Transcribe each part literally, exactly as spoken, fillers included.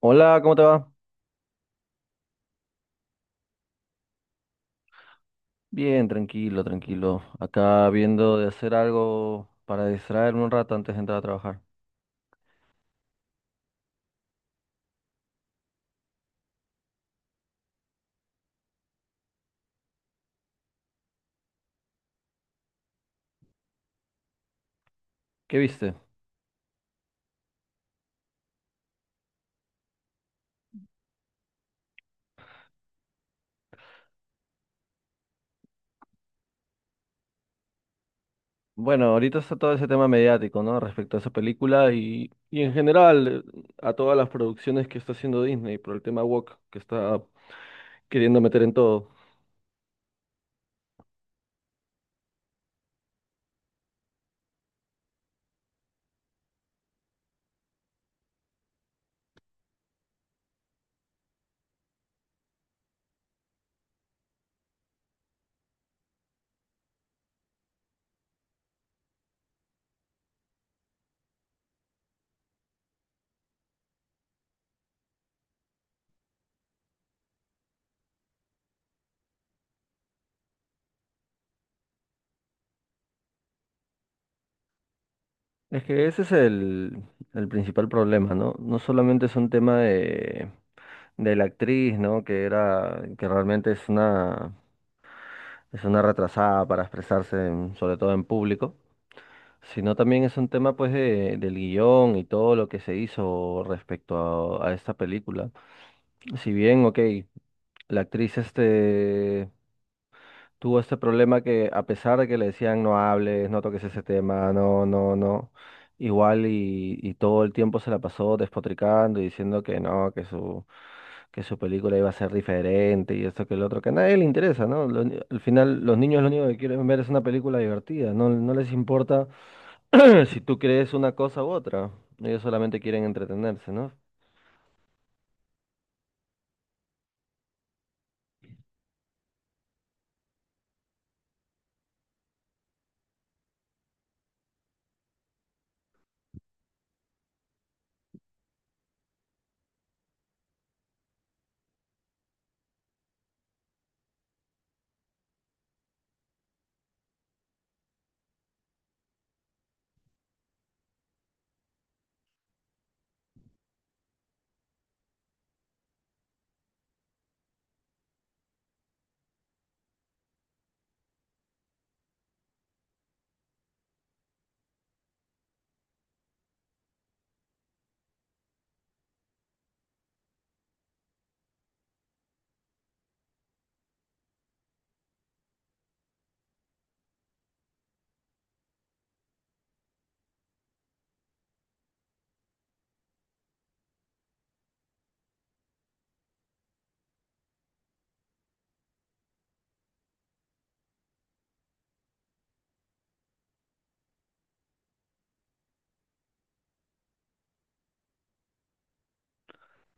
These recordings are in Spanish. Hola, ¿cómo te va? Bien, tranquilo, tranquilo. Acá viendo de hacer algo para distraerme un rato antes de entrar a trabajar. ¿Qué viste? Bueno, ahorita está todo ese tema mediático, ¿no? Respecto a esa película y, y en general eh, a todas las producciones que está haciendo Disney por el tema woke que está queriendo meter en todo. Es que ese es el, el principal problema, ¿no? No solamente es un tema de, de la actriz, ¿no? Que era, que realmente es una es una retrasada para expresarse, en- sobre todo en público, sino también es un tema pues de- del guión y todo lo que se hizo respecto a, a esta película. Si bien, ok, la actriz este tuvo este problema que a pesar de que le decían no hables, no toques ese tema, no, no, no, igual y, y todo el tiempo se la pasó despotricando y diciendo que no, que su que su película iba a ser diferente y esto que el otro, que a nadie le interesa, ¿no? Lo uni- al final los niños lo único que quieren ver es una película divertida, no, no les importa si tú crees una cosa u otra, ellos solamente quieren entretenerse, ¿no?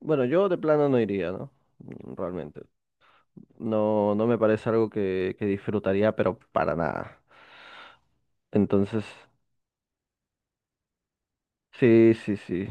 Bueno, yo de plano no iría, ¿no? Mm, Realmente no, no me parece algo que, que disfrutaría, pero para nada. Entonces, sí, sí, sí.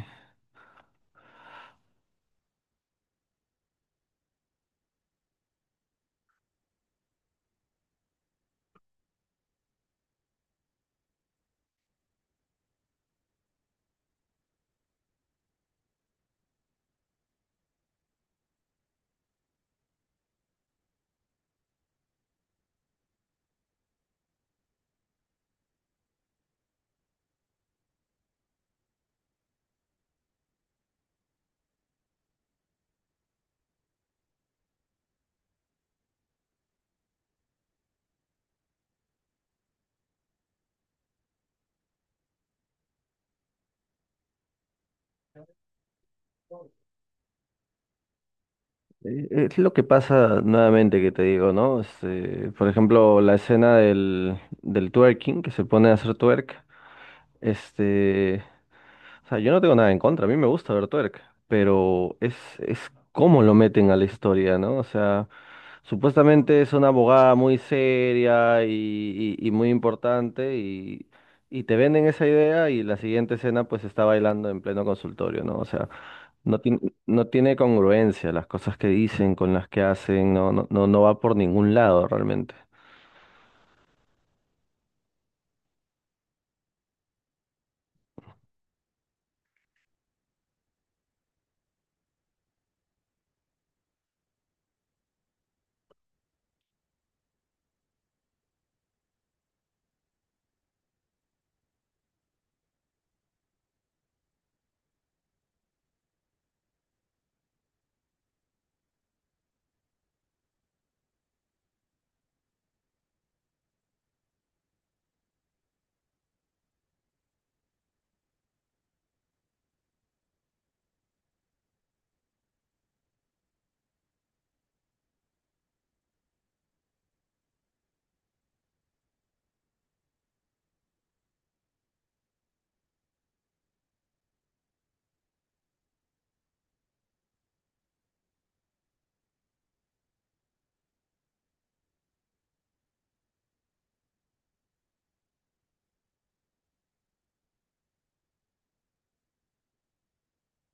Eh, eh, Es lo que pasa nuevamente que te digo, ¿no? Este, por ejemplo, la escena del, del twerking, que se pone a hacer twerk, este, o sea, yo no tengo nada en contra, a mí me gusta ver twerk, pero es, es cómo lo meten a la historia, ¿no? O sea, supuestamente es una abogada muy seria y, y- y muy importante y, y te venden esa idea y la siguiente escena pues está bailando en pleno consultorio, ¿no? O sea, no tiene, no tiene congruencia las cosas que dicen con las que hacen, no, no, no, no va por ningún lado realmente.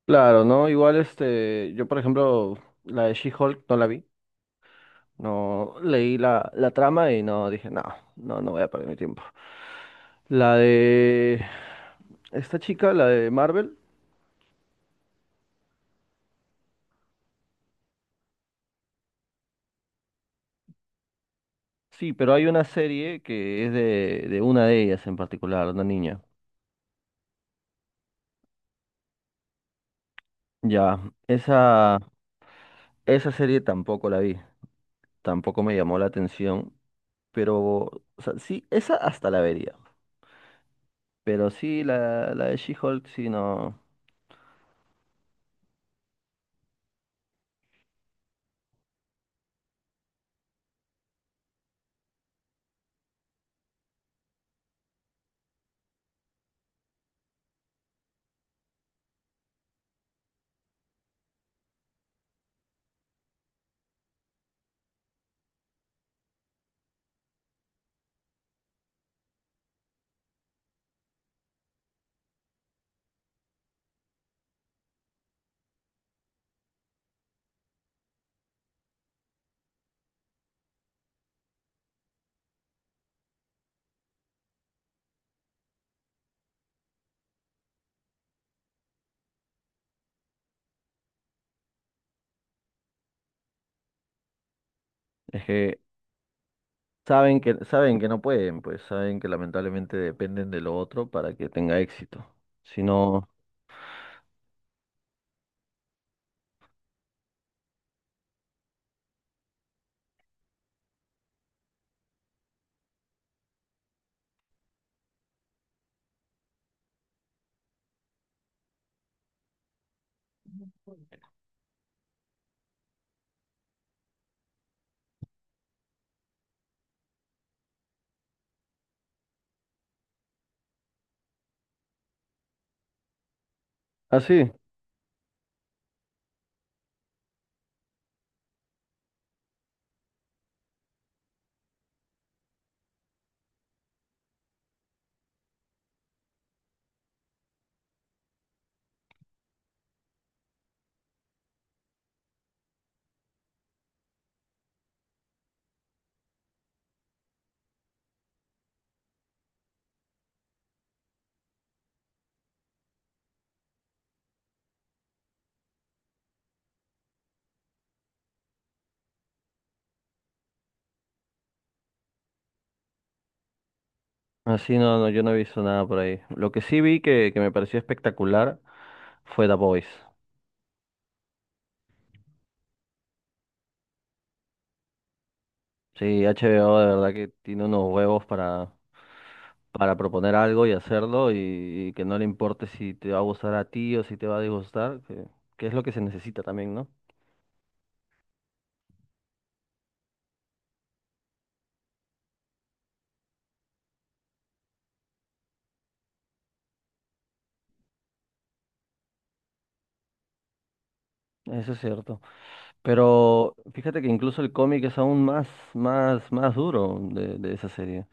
Claro, ¿no? Igual este, yo por ejemplo, la de She-Hulk no la vi, no leí la, la trama y no dije, no, no, no voy a perder mi tiempo. La de esta chica, la de Marvel. Sí, pero hay una serie que es de, de una de ellas en particular, una niña. Ya, esa, esa serie tampoco la vi, tampoco me llamó la atención, pero, o sea, sí, esa hasta la vería, pero sí, la, la de She-Hulk, sí, no, es que saben que, saben que no pueden, pues saben que lamentablemente dependen de lo otro para que tenga éxito. Si no, así, así no, no, yo no he visto nada por ahí. Lo que sí vi que, que me pareció espectacular fue The Boys. Sí, H B O de verdad que tiene unos huevos para, para proponer algo y hacerlo y, y que no le importe si te va a gustar a ti o si te va a disgustar, que, que es lo que se necesita también, ¿no? Eso es cierto. Pero fíjate que incluso el cómic es aún más, más, más duro de, de esa serie.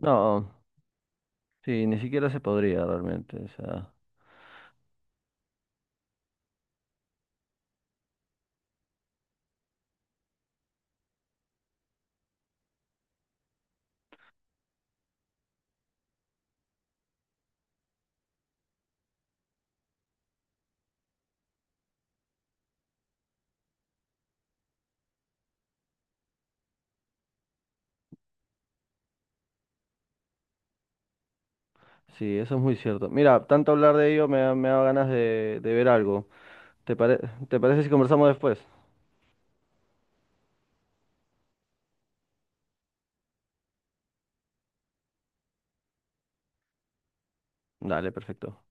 No, sí, ni siquiera se podría realmente. O sea, sí, eso es muy cierto. Mira, tanto hablar de ello me, da- me da ganas de, de ver algo. ¿Te pare- ¿Te parece si conversamos después? Dale, perfecto.